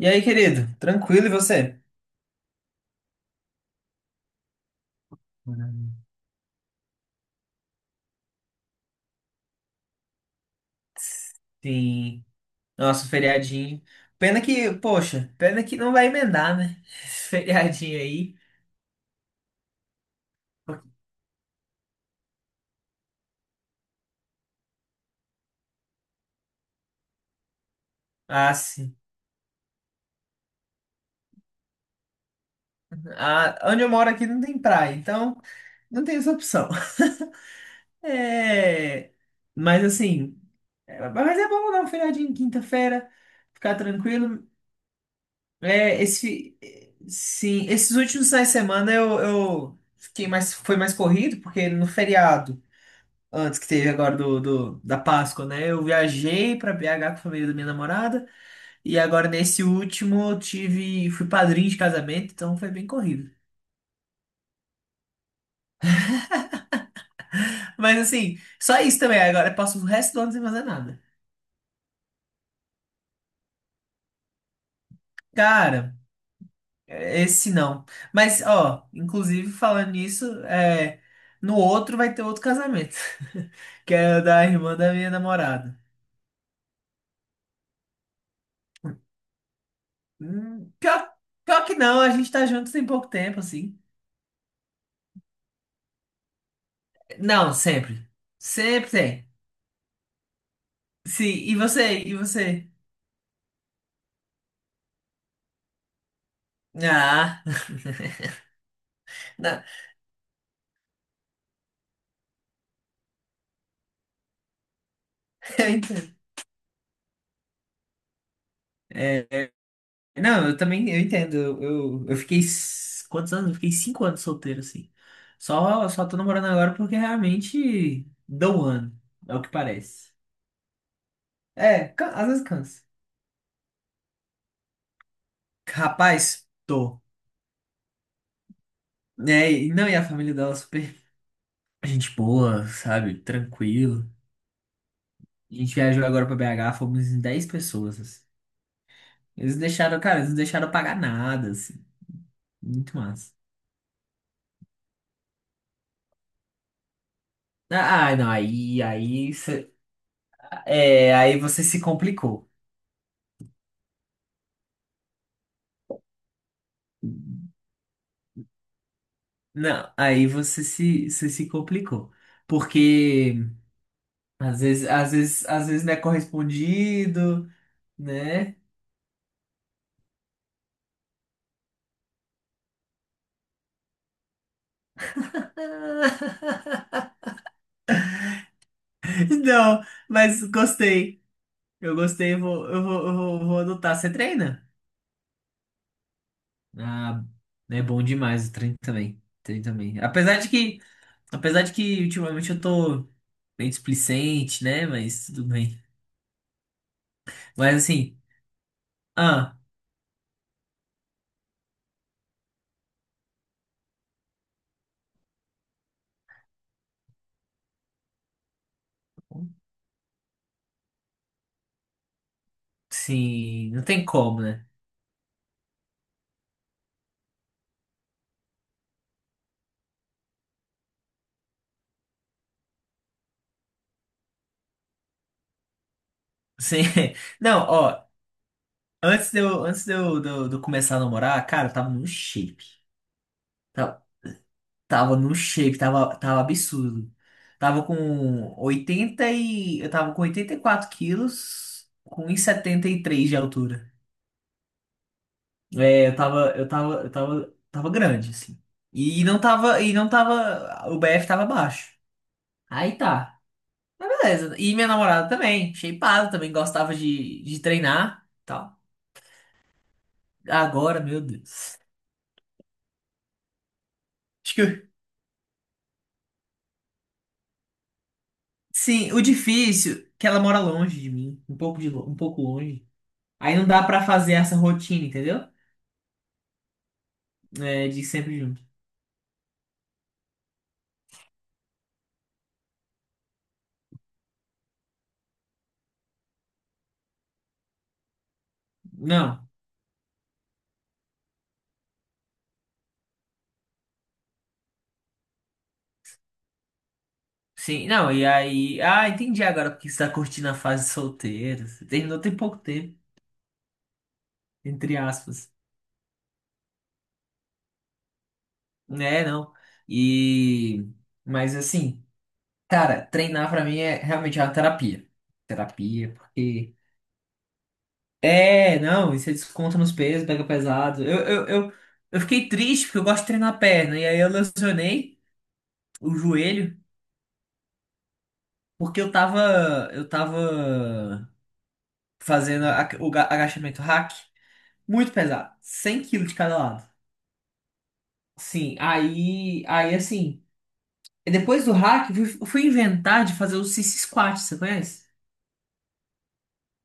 E aí, querido? Tranquilo, e você? Maravilha. Sim. Nossa, feriadinho. Poxa, pena que não vai emendar, né? Esse feriadinho aí. Ah, sim. Ah, onde eu moro aqui não tem praia, então não tem essa opção. É. Mas assim, mas é bom dar um feriadinho em quinta-feira, ficar tranquilo. É, sim, esses últimos finais de semana eu fiquei mais, foi mais corrido, porque no feriado. Antes que teve agora da Páscoa, né? Eu viajei pra BH com a família da minha namorada, e agora nesse último eu fui padrinho de casamento, então foi bem corrido. Mas assim, só isso também. Agora eu passo o resto do ano sem fazer nada. Cara, esse não. Mas ó, inclusive falando nisso, no outro vai ter outro casamento, que é o da irmã da minha namorada. Hum, pior, pior que não, a gente tá junto tem pouco tempo, assim. Não, sempre. Sempre tem. Sim, e você? E você? Ah, não, eu entendo. É, não, eu também eu entendo. Eu fiquei. Quantos anos? Eu fiquei 5 anos solteiro, assim. Só tô namorando agora porque realmente dou um ano. É o que parece. É, às vezes cansa. Rapaz, tô. É, e não, e a família dela é super gente boa, sabe? Tranquilo. A gente viajou agora pra BH, fomos em 10 pessoas, assim. Cara, eles não deixaram eu pagar nada, assim. Muito massa. Ah, não, aí, aí você se complicou. Não, aí você se complicou. Porque às vezes não é correspondido, né? Não, mas gostei. Eu gostei, vou adotar. Você treina? Ah, é bom demais o treino também. Treino também. Apesar de que ultimamente eu tô meio displicente, né? Mas tudo bem. Mas assim, ah. Sim, não tem como, né? Sim. Não, ó, antes de eu, de eu- de eu começar a namorar, cara, eu tava num shape. Tava, tava num shape, tava absurdo. Tava com 80 e... Eu tava com 84 quilos, com 1,73 de altura. É, eu tava grande, assim. E não tava, o BF tava baixo. Aí tá. Mas beleza. E minha namorada também, shapeada, também gostava de treinar. Agora, meu Deus. Acho que eu- sim, o difícil é que ela mora longe de mim, um pouco longe. Aí não dá pra fazer essa rotina, entendeu? É, de sempre junto. Não. Sim, não, e aí, ah, entendi agora porque você tá curtindo a fase solteira. Você terminou tem pouco tempo, entre aspas. Né, não. E mas assim, cara, treinar pra mim é realmente uma terapia. Terapia, porque. É, não, e você desconta nos pesos, pega pesado. Eu fiquei triste porque eu gosto de treinar a perna. E aí eu lesionei o joelho porque eu tava fazendo o agachamento hack muito pesado, 100 quilos de cada lado. Sim, aí assim, depois do hack, eu fui inventar de fazer o sissy squat, você conhece?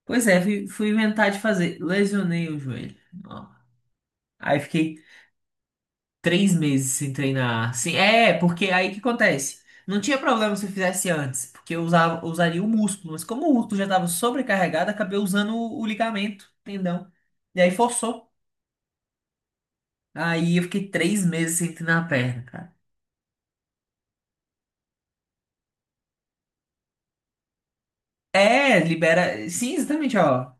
Pois é, fui inventar de fazer. Lesionei o joelho. Ó. Aí fiquei 3 meses sem treinar. Sim, é, porque aí o que acontece? Não tinha problema se eu fizesse antes, porque eu usava, eu usaria o músculo, mas como o músculo já estava sobrecarregado, acabei usando o ligamento, tendão. E aí forçou. Aí eu fiquei 3 meses sem treinar a perna, cara. É, libera. Sim, exatamente, ó.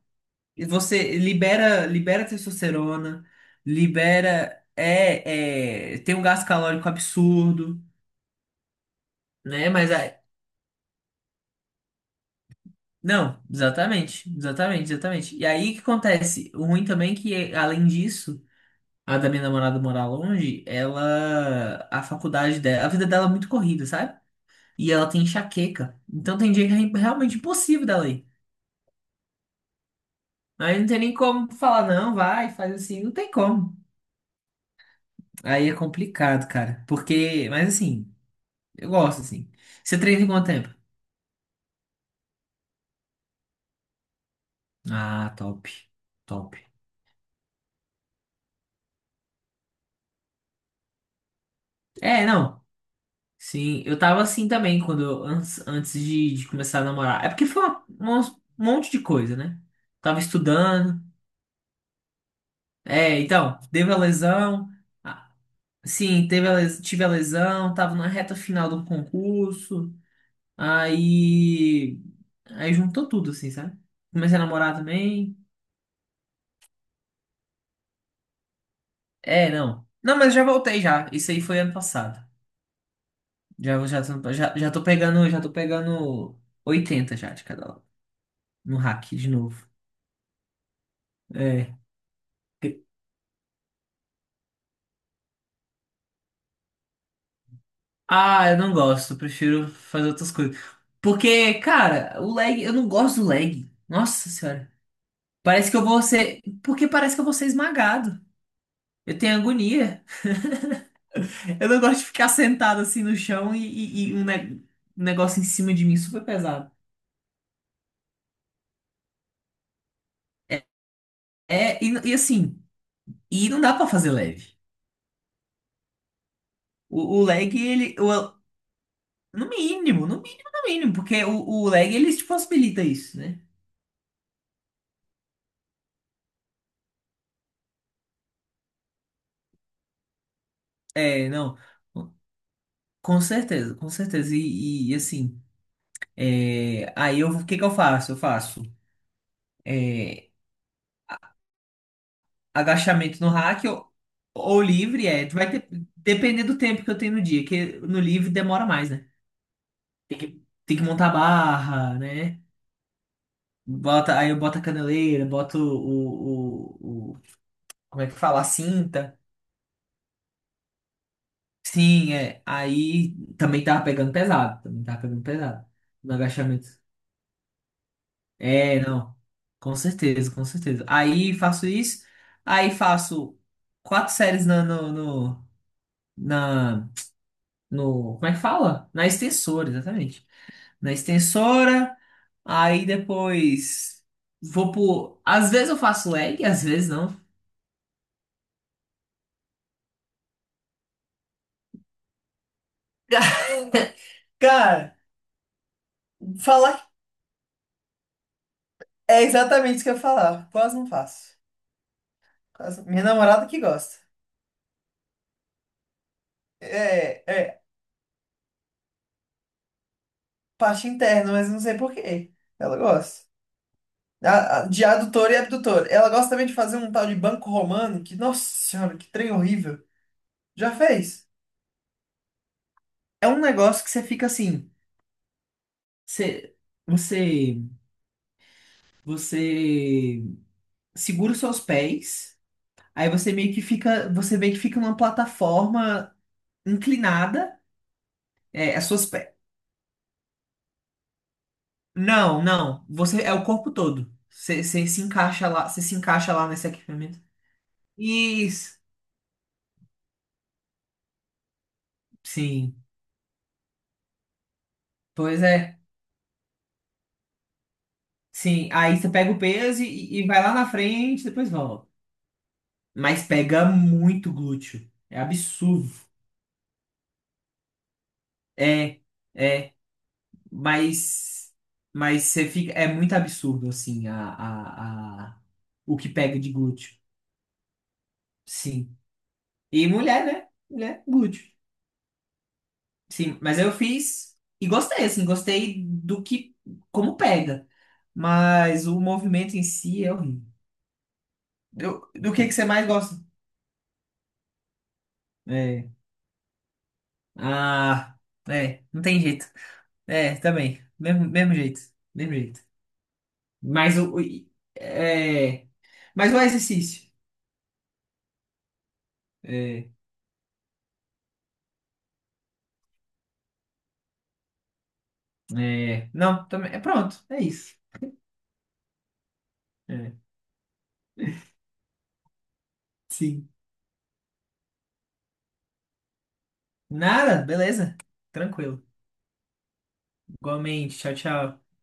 Você libera, libera testosterona, libera. É, tem um gasto calórico absurdo, né? Mas. Não, exatamente, exatamente, exatamente. E aí o que acontece? O ruim também é que, além disso, a da minha namorada morar longe, ela, a faculdade dela, a vida dela é muito corrida, sabe? E ela tem enxaqueca. Então tem dia que é realmente impossível dela ir. Aí não tem nem como falar, não, vai, faz assim, não tem como. Aí é complicado, cara. Mas assim, eu gosto assim. Você treina em quanto tempo? Ah, top, top. É, não. Sim, eu tava assim também quando antes de começar a namorar. É porque foi um monte de coisa, né? Tava estudando. É, então, teve a lesão. Ah, sim, tive a lesão, tava na reta final do concurso. Aí, aí juntou tudo assim, sabe? Comecei a namorar também. É, não. Não, mas já voltei já. Isso aí foi ano passado. Já tô pegando 80 já de cada lado no hack de novo. É. Ah, eu não gosto, eu prefiro fazer outras coisas. Porque, cara, o lag, eu não gosto do lag. Nossa senhora. Parece que eu vou ser. Porque parece que eu vou ser esmagado. Eu tenho agonia. Eu não gosto de ficar sentado assim no chão e um negócio em cima de mim super pesado. É, e assim, e não dá pra fazer leve. O lag, no mínimo, no mínimo, no mínimo. Porque o lag, ele te possibilita isso, né? É, não. Com certeza, com certeza. E, assim. É, o que que eu faço? Eu faço é, agachamento no rack ou livre, vai depender do tempo que eu tenho no dia, que no livre demora mais, né? Tem que montar a barra, né? Bota, aí eu boto a caneleira, boto, como é que fala? A cinta. Sim, é. Aí também tava pegando pesado, também tava pegando pesado no agachamento. É, não. Com certeza, com certeza. Aí faço isso. Aí faço quatro séries na, no, no, na, no. Como é que fala? Na extensora, exatamente. Na extensora. Aí depois vou por. Às vezes eu faço leg, às vezes não. Cara, falar é exatamente isso que eu ia falar. Quase não faço. Minha namorada que gosta. É, é parte interna, mas não sei por quê. Ela gosta. De adutor e abdutor. Ela gosta também de fazer um tal de banco romano, que, nossa senhora, que trem horrível. Já fez? É um negócio que você fica assim, você, você, você segura os seus pés, aí você meio que fica numa plataforma inclinada, as suas pés. Não, não, você é o corpo todo. Você se encaixa lá, nesse equipamento. Isso, sim. Pois é. Sim, aí você pega o peso e vai lá na frente, depois volta. Mas pega muito glúteo. É absurdo. É, é, mas, mas você fica. É muito absurdo, assim, o que pega de glúteo. Sim. E mulher, né? Mulher, glúteo. Sim, mas eu fiz e gostei, assim, gostei como pega. Mas o movimento em si é horrível. Do que você mais gosta? É. Ah, é, não tem jeito. É, também. Mesmo, mesmo jeito. Mesmo jeito. Mas o. o- É, mas o exercício. É, é, não, também. É pronto. É isso. É, sim. Nada, beleza. Tranquilo. Igualmente. Tchau, tchau.